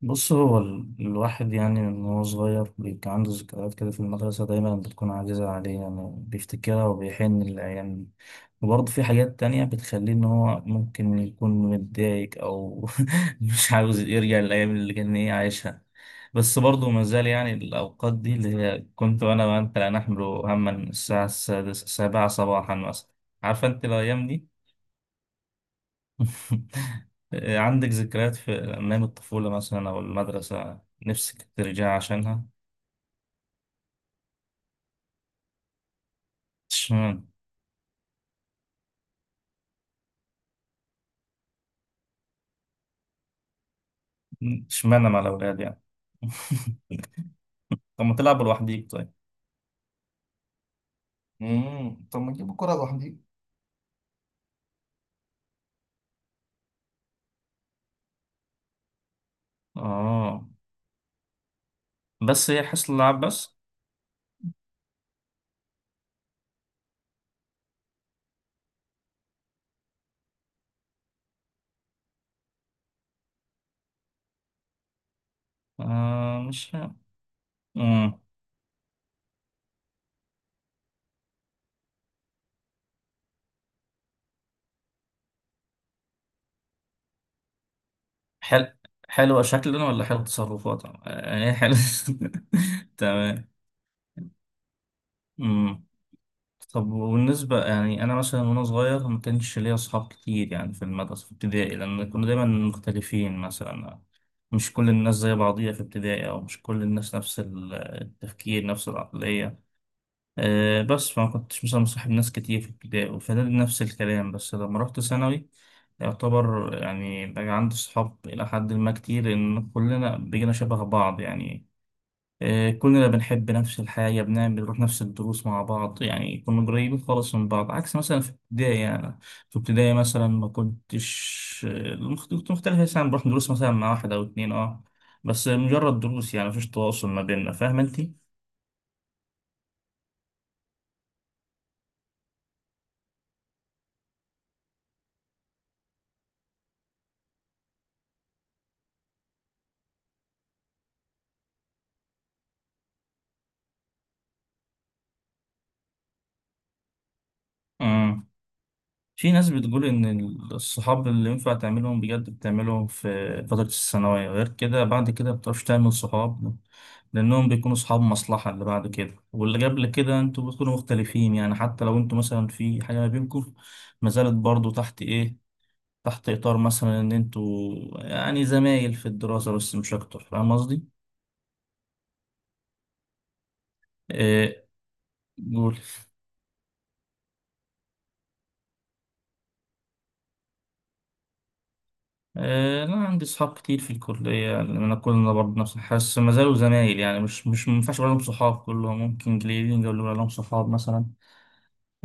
بص، هو الواحد يعني من هو صغير بيبقى عنده ذكريات كده في المدرسة، دايما بتكون عزيزة عليه، يعني بيفتكرها وبيحن للأيام دي. وبرضه في حاجات تانية بتخليه إن هو ممكن يكون متضايق أو مش عاوز يرجع للأيام اللي كان عايشها. بس برضه ما زال يعني الأوقات دي، اللي هي كنت أنا وأنت لا نحمل هما الساعة السادسة السابعة صباحا مثلا. عارفة أنت الأيام دي؟ عندك ذكريات في أيام الطفولة مثلا أو المدرسة، نفسك ترجع عشانها؟ اشمعنى. اشمعنى مع الأولاد يعني؟ طب ما تلعب لوحديك طيب. طب ما تجيب الكرة لوحدي. آه. بس هي حصة اللعب بس؟ آه، مش. مم. حل حلوة شكلنا ولا حلو تصرفات؟ آه، هي حلو. تمام. مم. طب وبالنسبة يعني أنا مثلا وأنا صغير، ما كانش ليا أصحاب كتير يعني في المدرسة في ابتدائي، لأن كنا دايما مختلفين مثلا. مش كل الناس زي بعضيها في ابتدائي، أو مش كل الناس نفس التفكير، نفس العقلية. أه، بس فما كنتش مثلا مصاحب ناس كتير في ابتدائي وفي إعدادي نفس الكلام، بس لما رحت ثانوي يعتبر يعني بقى عندي صحاب إلى حد ما كتير، لأن كلنا بقينا شبه بعض يعني. آه، كلنا بنحب نفس الحاجة، بنعمل بنروح نفس الدروس مع بعض، يعني كنا قريبين خالص من بعض، عكس مثلا في ابتدائي يعني. في ابتدائي مثلا ما كنتش كنت مختلف، مثلا بروح دروس مثلا مع واحد أو اتنين بس مجرد دروس، يعني مفيش تواصل ما بيننا، فاهم انتي؟ في ناس بتقول إن الصحاب اللي ينفع تعملهم بجد بتعملهم في فترة الثانوية، غير كده بعد كده مبتعرفش تعمل صحاب. لأنهم بيكونوا صحاب مصلحة، اللي بعد كده واللي قبل كده أنتوا بتكونوا مختلفين، يعني حتى لو أنتوا مثلا في حاجة ما بينكم ما زالت برضه تحت إطار مثلا إن أنتوا يعني زمايل في الدراسة بس، مش أكتر. فاهم قصدي؟ إيه؟ قول. آه، لا، عندي صحاب كتير في الكلية، يعني أنا كلنا برضه نفس، حاسس ما زالوا زمايل، يعني مش ما ينفعش أقول لهم صحاب، كلهم ممكن قليلين أقول لهم صحاب مثلا.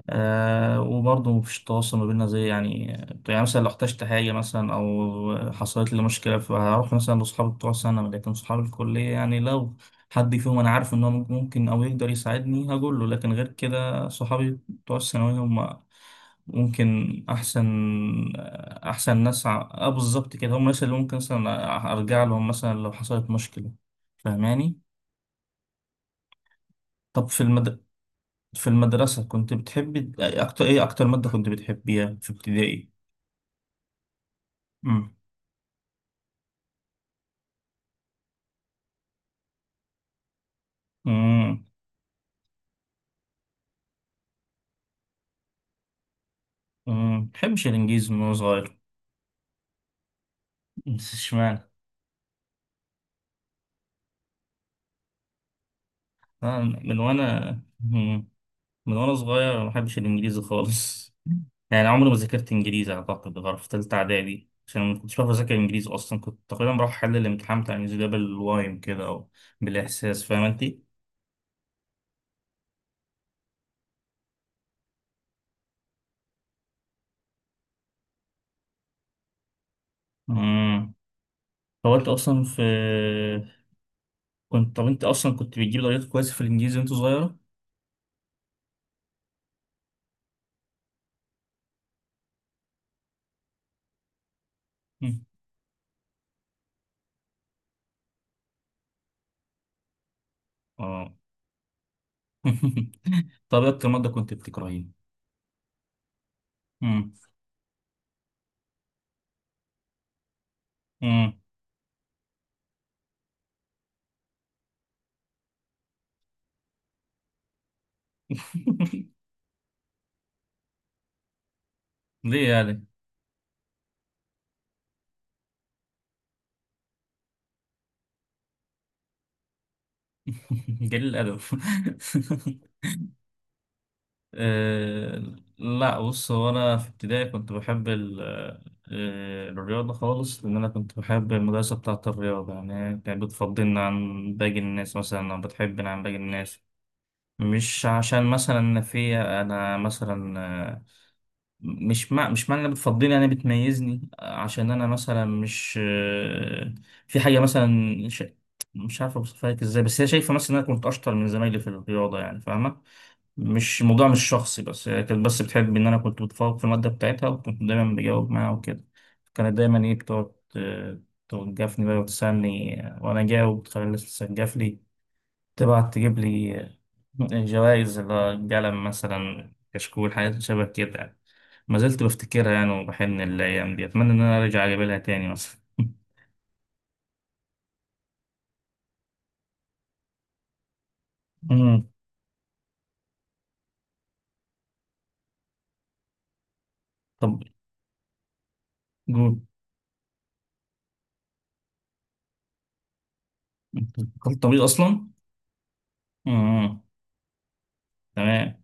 آه، وبرضه مفيش تواصل ما بيننا زي يعني. يعني مثلا لو احتجت حاجة مثلا أو حصلت لي مشكلة، فهروح مثلا لأصحابي بتوع سنة، لكن صحاب الكلية يعني لو حد فيهم أنا عارف إن هو ممكن أو يقدر يساعدني هقول له، لكن غير كده صحابي بتوع الثانوية هم ممكن احسن. احسن ناس بالظبط كده، هم الناس اللي ممكن مثلا ارجع لهم مثلا لو حصلت مشكله. فاهماني؟ طب في المدرسه كنت بتحبي اكتر ماده كنت بتحبيها في ابتدائي؟ امم. امم. بحبش الانجليزي من وانا صغير. اشمعنى؟ آه، من وانا من وانا صغير أنا ما بحبش الانجليزي خالص. يعني عمري ما ذاكرت انجليزي اعتقد غير في ثالثه اعدادي، عشان ما كنتش بعرف اذاكر انجليزي اصلا، كنت تقريبا بروح احل الامتحان بتاع الانجليزي ده بالوايم كده، او بالاحساس. فاهم انت؟ امم هو انت اصلا في كنت طب انت اصلا كنت بتجيب درجات كويسه في الانجليزي وانت صغيره؟ مم. اه. طب إيه اكتر ماده كنت بتكرهيها؟ مم. مم. ليه يعني؟ قليل الادب. أه. لا، بص، هو أنا في ابتدائي كنت بحب الرياضة خالص، لأن أنا كنت بحب المدرسة بتاعة الرياضة، يعني هي كانت بتفضلنا عن باقي الناس مثلا، أو بتحبنا عن باقي الناس. مش عشان مثلا أنا فيا، أنا مثلا آه، مش معنى إنها بتفضلني أنا بتميزني عشان أنا مثلا مش في حاجة مثلا ش- مش عارف أوصفها لك إزاي، بس هي شايفة مثلا إن أنا كنت أشطر من زمايلي في الرياضة، يعني فاهمة. مش الموضوع مش شخصي، بس هي كانت بس بتحب ان انا كنت بتفوق في الماده بتاعتها، وكنت دايما بجاوب معاها وكده. كانت دايما بتقعد توجفني بقى وتسالني وانا جاوب، تخلي الناس تسجف لي، تبعت تجيب لي جوائز اللي هو قلم مثلا، كشكول، حاجات شبه كده يعني. ما زلت بفتكرها يعني وبحن الايام دي، اتمنى ان انا ارجع اجيب لها تاني مثلا. مم. طب. جود. انت دخلت طبيب اصلا؟ مم. تمام.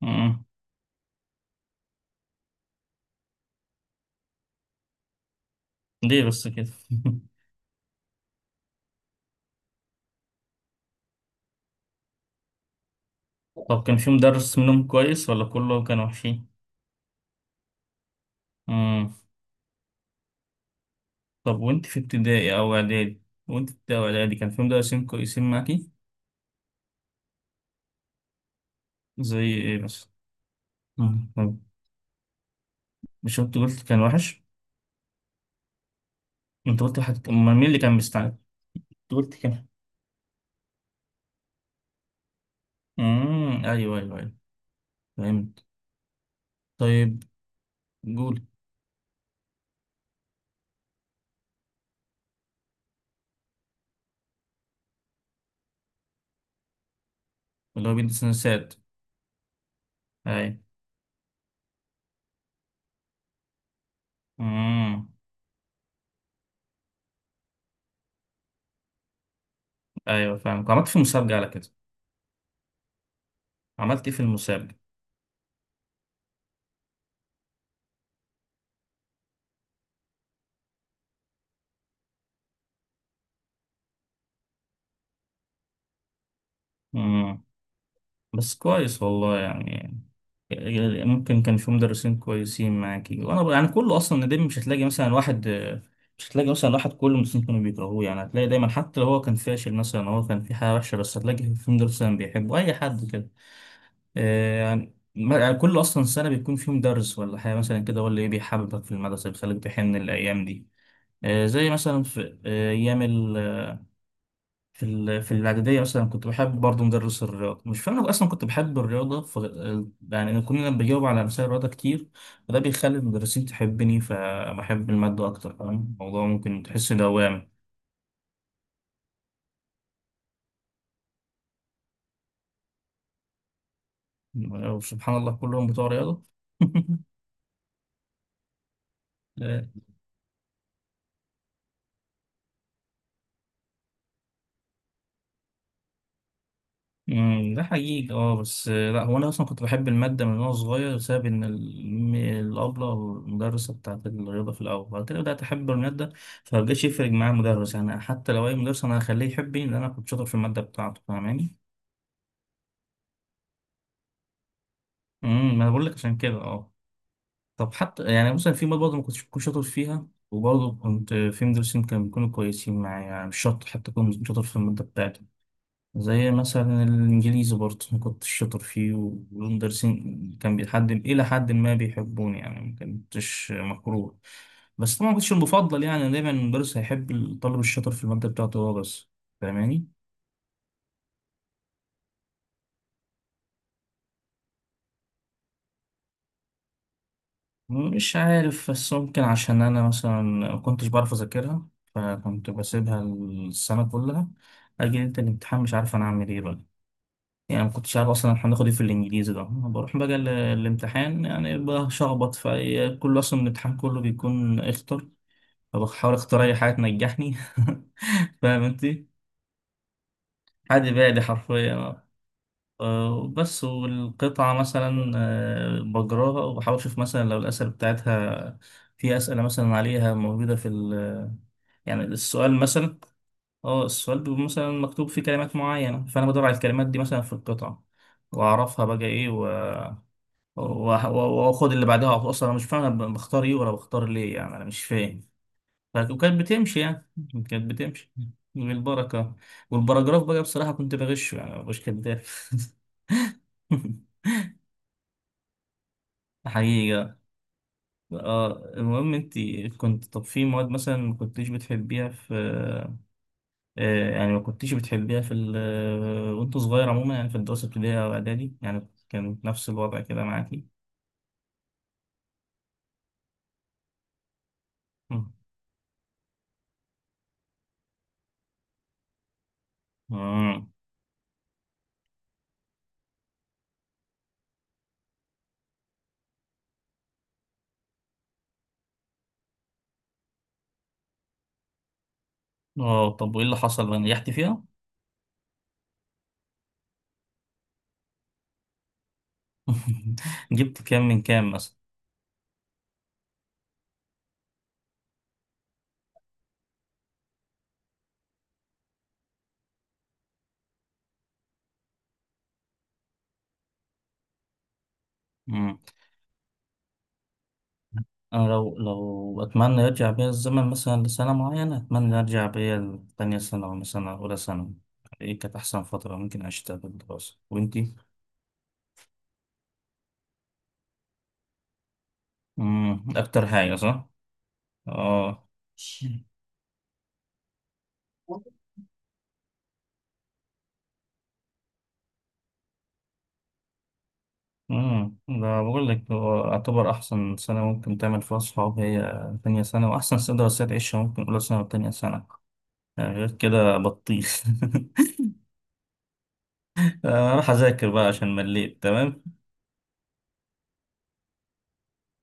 مم. ليه بس كده؟ طب كان في مدرس منهم كويس ولا كله كانوا وحشين؟ امم. طب وانت في ابتدائي او اعدادي كان في مدرسين كويسين معاكي؟ زي ايه بس؟ طب مش انت قلت كان وحش؟ انت قلت حد، امال مين اللي كان مستعد؟ انت قلت كان. امم، ايوه ايوه ايوه، فهمت. طيب. جول. اللي هو بيدرس نسات. ايوه. امم ايوه، فاهم. عملت في المسابقة على كده؟ عملت ايه في المسابقة؟ امم بس كويس والله يعني. يعني ممكن كان في مدرسين كويسين معاكي، وانا يعني كله اصلا ندم. مش هتلاقي مثلا واحد كل المدرسين كانوا بيكرهوه، يعني هتلاقي دايما، حتى لو هو كان فاشل مثلا، هو كان في حاجه وحشه، بس هتلاقي في مدرس مثلا بيحبه اي حد كده. آه، يعني يعني كل اصلا سنه بيكون في مدرس ولا حاجه مثلا كده، هو اللي بيحببك في المدرسه، بيخليك تحن الايام دي. آه، زي مثلا في ايام في في الاعداديه اصلا كنت بحب برضه مدرس الرياضه، مش فاهم أنا اصلا كنت بحب الرياضه. يعني أنا كنا بجاوب على مسائل الرياضه كتير، فده بيخلي المدرسين تحبني، فبحب الماده اكتر. فاهم الموضوع؟ ممكن تحس دوامي. سبحان الله، كلهم بتوع رياضه. ده حقيقي، اه، بس لا، هو انا اصلا كنت بحب الماده من وانا صغير، بسبب ان الابله أو المدرسه بتاعت الرياضه في الاول، بعد كده بدات احب الماده. فمبقاش يفرق معايا المدرس، يعني حتى لو اي مدرس انا هخليه يحبني، لان انا كنت شاطر في الماده بتاعته. فاهماني؟ ما انا بقول لك عشان كده، اه. طب حتى يعني مثلا في مواد برضه ما كنتش بكون شاطر فيها، وبرضه كنت في مدرسين كانوا بيكونوا كويسين معايا، يعني مش شرط حتى اكون شاطر في الماده بتاعتي. زي مثلا الإنجليزي برضه أنا كنت شاطر فيه، والمدرسين كان بيحد إلى حد ما بيحبوني، يعني ما كنتش مكروه. بس طبعا ما كنتش المفضل، يعني دايما المدرس هيحب الطالب الشاطر في المادة بتاعته هو بس. فاهماني؟ مش عارف، بس ممكن عشان أنا مثلا ما كنتش بعرف أذاكرها، فكنت بسيبها السنة كلها. أجي ليلة الامتحان، مش عارف أنا أعمل إيه بقى. يعني ما كنتش عارف اصلا احنا هناخد ايه في الانجليزي ده. أنا بروح بقى الامتحان، يعني بشخبط في كله، اصلا الامتحان كله بيكون اختر، فبحاول اختار اي حاجه تنجحني. فاهم انت. حد بعدي حرفيا. آه، بس والقطعه مثلا بجراها وبحاول اشوف مثلا لو الاسئله بتاعتها، في اسئله مثلا عليها موجوده في. يعني السؤال مثلا، اه السؤال بيبقى مثلا مكتوب فيه كلمات معينه، فانا بدور على الكلمات دي مثلا في القطعه، واعرفها بقى ايه. واخد اللي بعدها، اصلا انا مش فاهم انا بختار ايه ولا بختار ليه، يعني انا مش فاهم. وكانت بتمشي يعني. كانت بتمشي. بالبركه. والبراجراف بقى بصراحه كنت بغشه، يعني مش كداب. حقيقة. اه، المهم انت كنت. طب في مواد مثلا ما كنتيش بتحبيها في آه يعني ما كنتيش بتحبيها في ال آه، وانت صغير عموما، يعني في الدراسة الابتدائية او اعدادي، يعني كان نفس الوضع كده معاكي؟ مم. مم. اه، طب وايه اللي حصل بقى، نجحتي فيها؟ جبت كام من كام مثلا؟ مم. أنا لو أتمنى يرجع بيا الزمن مثلا لسنة معينة، أتمنى أرجع بيا لتانية سنة، أو مثلا أولى سنة. إيه كانت أحسن فترة ممكن أعيشها في الدراسة وإنتي؟ مم. أكتر حاجة، صح؟ آه. ده بقول لك هو اعتبر احسن سنه ممكن تعمل فيها صحاب، هي تانية سنه. واحسن سنه دراسيه تعيشها ممكن اولى سنه وتانية سنه. يعني غير كده بطيخ. اروح اذاكر بقى عشان مليت. تمام.